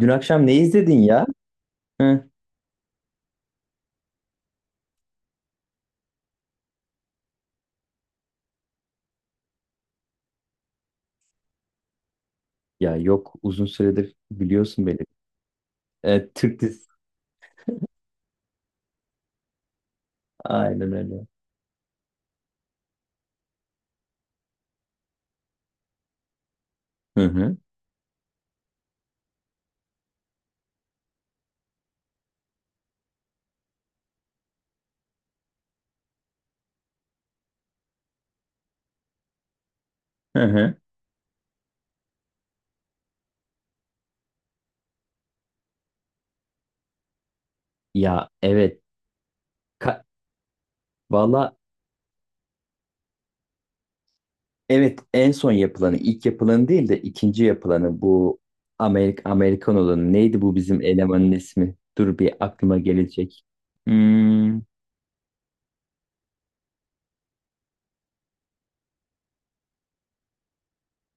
Dün akşam ne izledin ya? Hı. Ya yok uzun süredir biliyorsun beni. E, Türk dizisi. Aynen öyle. Hı hı. Hı hı. Ya evet. Ka- Valla evet, en son yapılanı ilk yapılanı değil de ikinci yapılanı bu. Amerikan olanı neydi, bu bizim elemanın ismi? Dur bir aklıma gelecek. Hmm,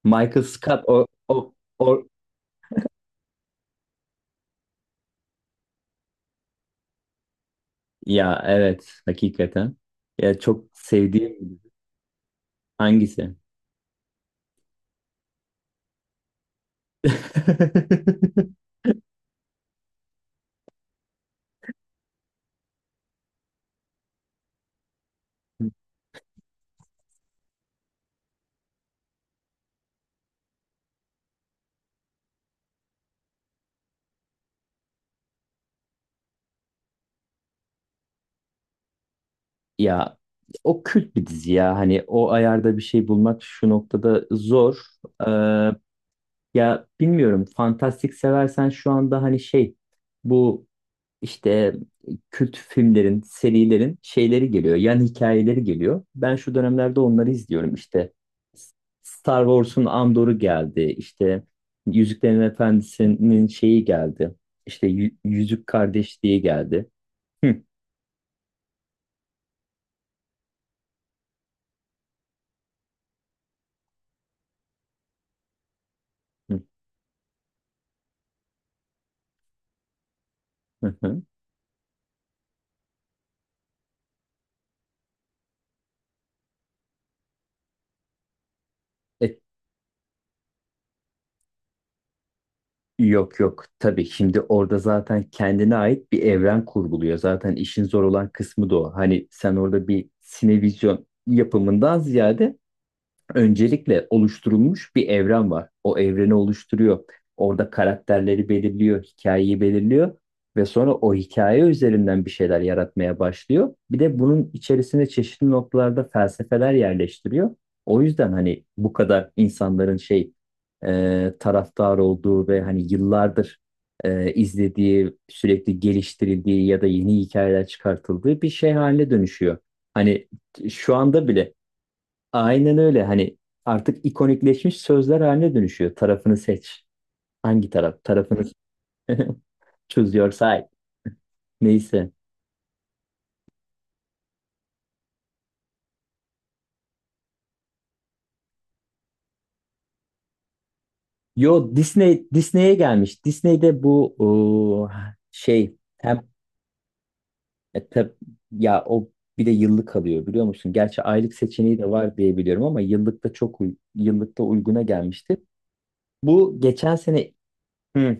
Michael Scott, o. Ya evet, hakikaten. Ya çok sevdiğim hangisi? Ya o kült bir dizi ya. Hani o ayarda bir şey bulmak şu noktada zor. Ee, ya bilmiyorum. Fantastik seversen şu anda hani şey, bu işte kült filmlerin, serilerin şeyleri geliyor. Yan hikayeleri geliyor. Ben şu dönemlerde onları izliyorum işte. Star Wars'un Andor'u geldi. İşte Yüzüklerin Efendisi'nin şeyi geldi. İşte Yüzük Kardeşliği geldi. Hı hı hı. Hı. E, Yok yok, tabii, şimdi orada zaten kendine ait bir evren kurguluyor. Zaten işin zor olan kısmı da o. Hani sen orada bir sinevizyon yapımından ziyade öncelikle oluşturulmuş bir evren var. O evreni oluşturuyor. Orada karakterleri belirliyor, hikayeyi belirliyor ve sonra o hikaye üzerinden bir şeyler yaratmaya başlıyor. Bir de bunun içerisine çeşitli noktalarda felsefeler yerleştiriyor. O yüzden hani bu kadar insanların şey, taraftar olduğu ve hani yıllardır izlediği, sürekli geliştirildiği ya da yeni hikayeler çıkartıldığı bir şey haline dönüşüyor. Hani şu anda bile. Aynen öyle. Hani artık ikonikleşmiş sözler haline dönüşüyor. Tarafını seç. Hangi taraf? Tarafını choose your side. Neyse. Yo, Disney'e gelmiş. Disney'de bu o, şey hem e, tab- ya o, bir de yıllık alıyor biliyor musun? Gerçi aylık seçeneği de var diye biliyorum ama yıllıkta çok yıllıkta uyguna gelmişti. Bu geçen sene. Hı,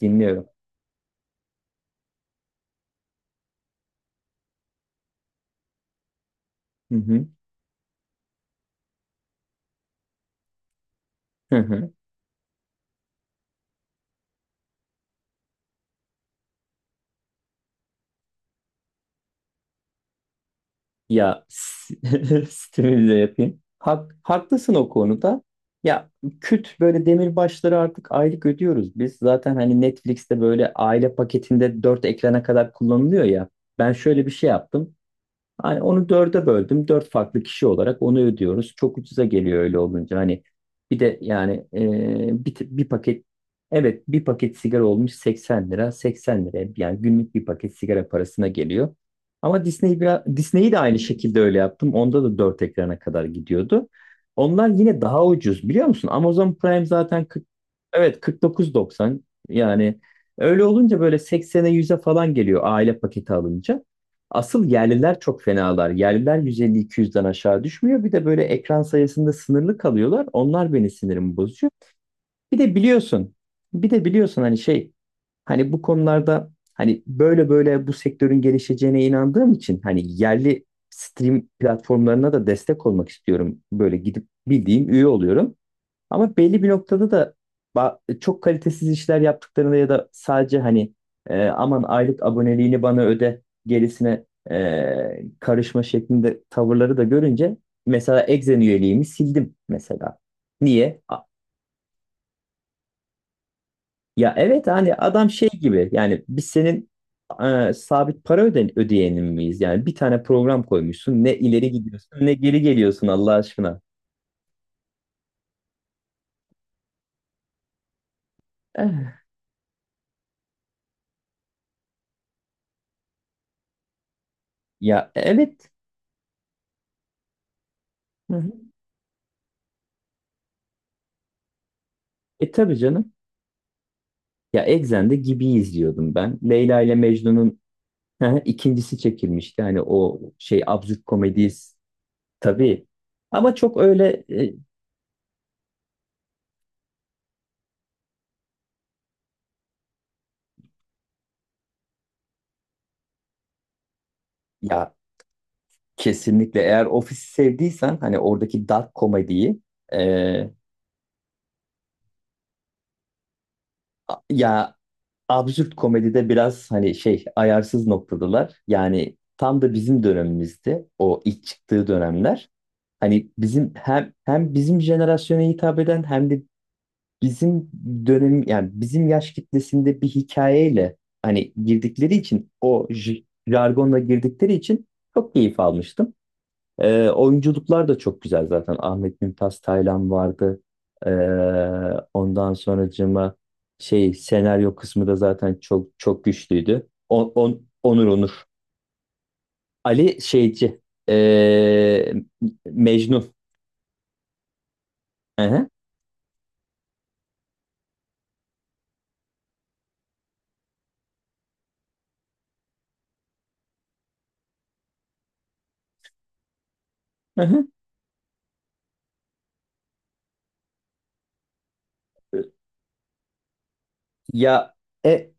dinliyorum. Hı hı. Ya s- stimüle yapayım. Haklısın o konuda. Ya küt böyle demirbaşları artık aylık ödüyoruz biz. Zaten hani Netflix'te böyle aile paketinde 4 ekrana kadar kullanılıyor ya. Ben şöyle bir şey yaptım. Hani onu dörde böldüm. Dört farklı kişi olarak onu ödüyoruz. Çok ucuza geliyor öyle olunca. Hani bir de yani, bir paket, evet, bir paket sigara olmuş 80 lira. 80 lira yani, günlük bir paket sigara parasına geliyor. Ama Disney biraz, Disney'i de aynı şekilde öyle yaptım. Onda da dört ekrana kadar gidiyordu. Onlar yine daha ucuz, biliyor musun? Amazon Prime zaten 40, evet 49,90, yani öyle olunca böyle 80'e 100'e falan geliyor aile paketi alınca. Asıl yerliler çok fenalar. Yerliler 150-200'den aşağı düşmüyor. Bir de böyle ekran sayısında sınırlı kalıyorlar. Onlar beni sinirimi bozuyor. Bir de biliyorsun, bir de biliyorsun hani şey, hani bu konularda hani böyle böyle bu sektörün gelişeceğine inandığım için hani yerli stream platformlarına da destek olmak istiyorum. Böyle gidip bildiğim üye oluyorum. Ama belli bir noktada da çok kalitesiz işler yaptıklarında ya da sadece hani aman aylık aboneliğini bana öde, gerisine karışma şeklinde tavırları da görünce, mesela Exen üyeliğimi sildim mesela. Niye? Ya evet, hani adam şey gibi yani, biz senin sabit para ödeyenin miyiz? Yani bir tane program koymuşsun, ne ileri gidiyorsun ne geri geliyorsun, Allah aşkına. Eh. Ya evet. Hı hı. E, tabii canım. Ya Exxen'de Gibi izliyordum ben. Leyla ile Mecnun'un ikincisi çekilmişti. Hani o şey absürt komediyiz, tabii. Ama çok öyle, ya kesinlikle, eğer ofisi sevdiysen hani oradaki dark komediyi, e, ya absürt komedide biraz hani şey ayarsız noktadalar. Yani tam da bizim dönemimizdi o ilk çıktığı dönemler. Hani bizim hem bizim jenerasyona hitap eden, hem de bizim dönem, yani bizim yaş kitlesinde bir hikayeyle hani girdikleri için, o jargonla girdikleri için çok keyif almıştım. Oyunculuklar da çok güzel zaten. Ahmet Mümtaz Taylan vardı. Ee, ondan sonracığıma, şey, senaryo kısmı da zaten çok çok güçlüydü. On, on, Onur Onur. Ali şeyci, ee, Mecnun. Hı hı, hı hı. Ya, e,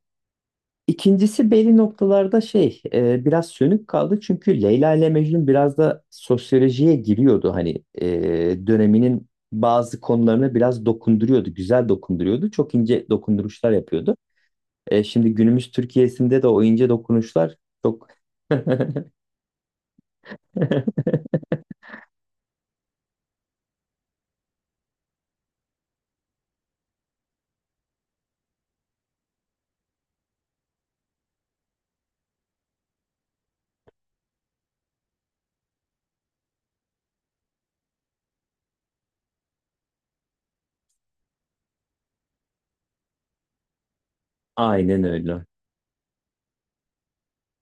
İkincisi belli noktalarda şey, biraz sönük kaldı çünkü Leyla ile Mecnun biraz da sosyolojiye giriyordu hani, döneminin bazı konularını biraz dokunduruyordu, güzel dokunduruyordu, çok ince dokunduruşlar yapıyordu. Şimdi günümüz Türkiye'sinde de o ince dokunuşlar çok. Aynen öyle,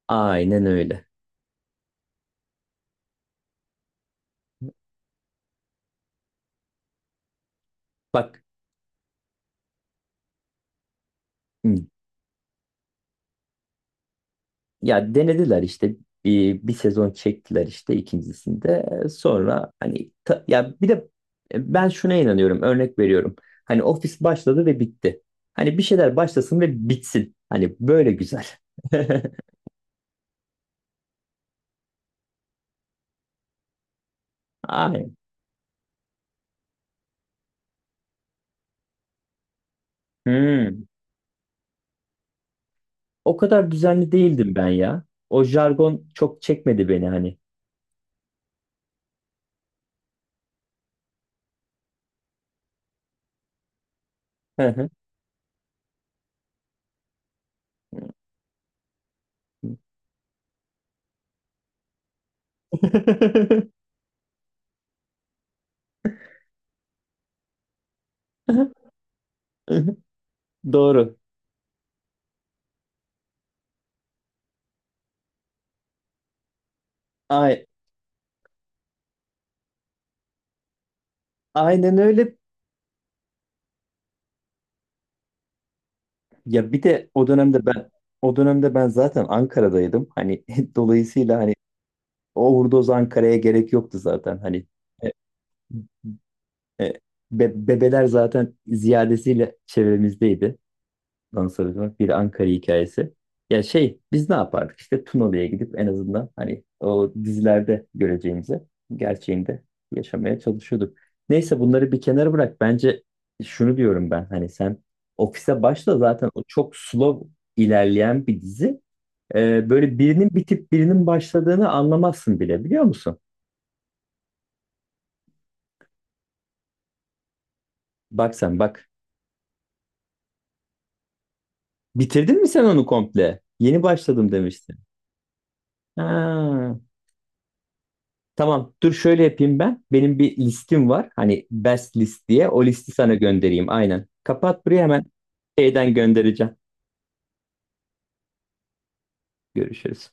aynen öyle, bak. Ya denediler işte, bir sezon çektiler işte ikincisinde, sonra hani ya bir de ben şuna inanıyorum, örnek veriyorum, hani ofis başladı ve bitti. Hani bir şeyler başlasın ve bitsin, hani böyle güzel. Aynen. Hmm. O kadar düzenli değildim ben ya, o jargon çok çekmedi beni hani. Hı hı. Doğru. Ay, aynen öyle. Ya bir de o dönemde ben O dönemde ben zaten Ankara'daydım. Hani dolayısıyla hani o Uğurdoz Ankara'ya gerek yoktu zaten. Hani e, e, bebeler zaten ziyadesiyle çevremizdeydi. Dans Arıtmak bir Ankara hikayesi. Ya şey, biz ne yapardık, İşte Tunalı'ya gidip en azından hani o dizilerde göreceğimizi gerçeğinde yaşamaya çalışıyorduk. Neyse, bunları bir kenara bırak. Bence şunu diyorum ben, hani sen ofise başla, zaten o çok slow ilerleyen bir dizi. Böyle birinin bitip birinin başladığını anlamazsın bile, biliyor musun? Bak sen, bak. Bitirdin mi sen onu komple? Yeni başladım demiştin. Ha. Tamam, dur şöyle yapayım ben. Benim bir listim var. Hani best list diye. O listi sana göndereyim aynen. Kapat buraya hemen, şeyden göndereceğim. Görüşürüz.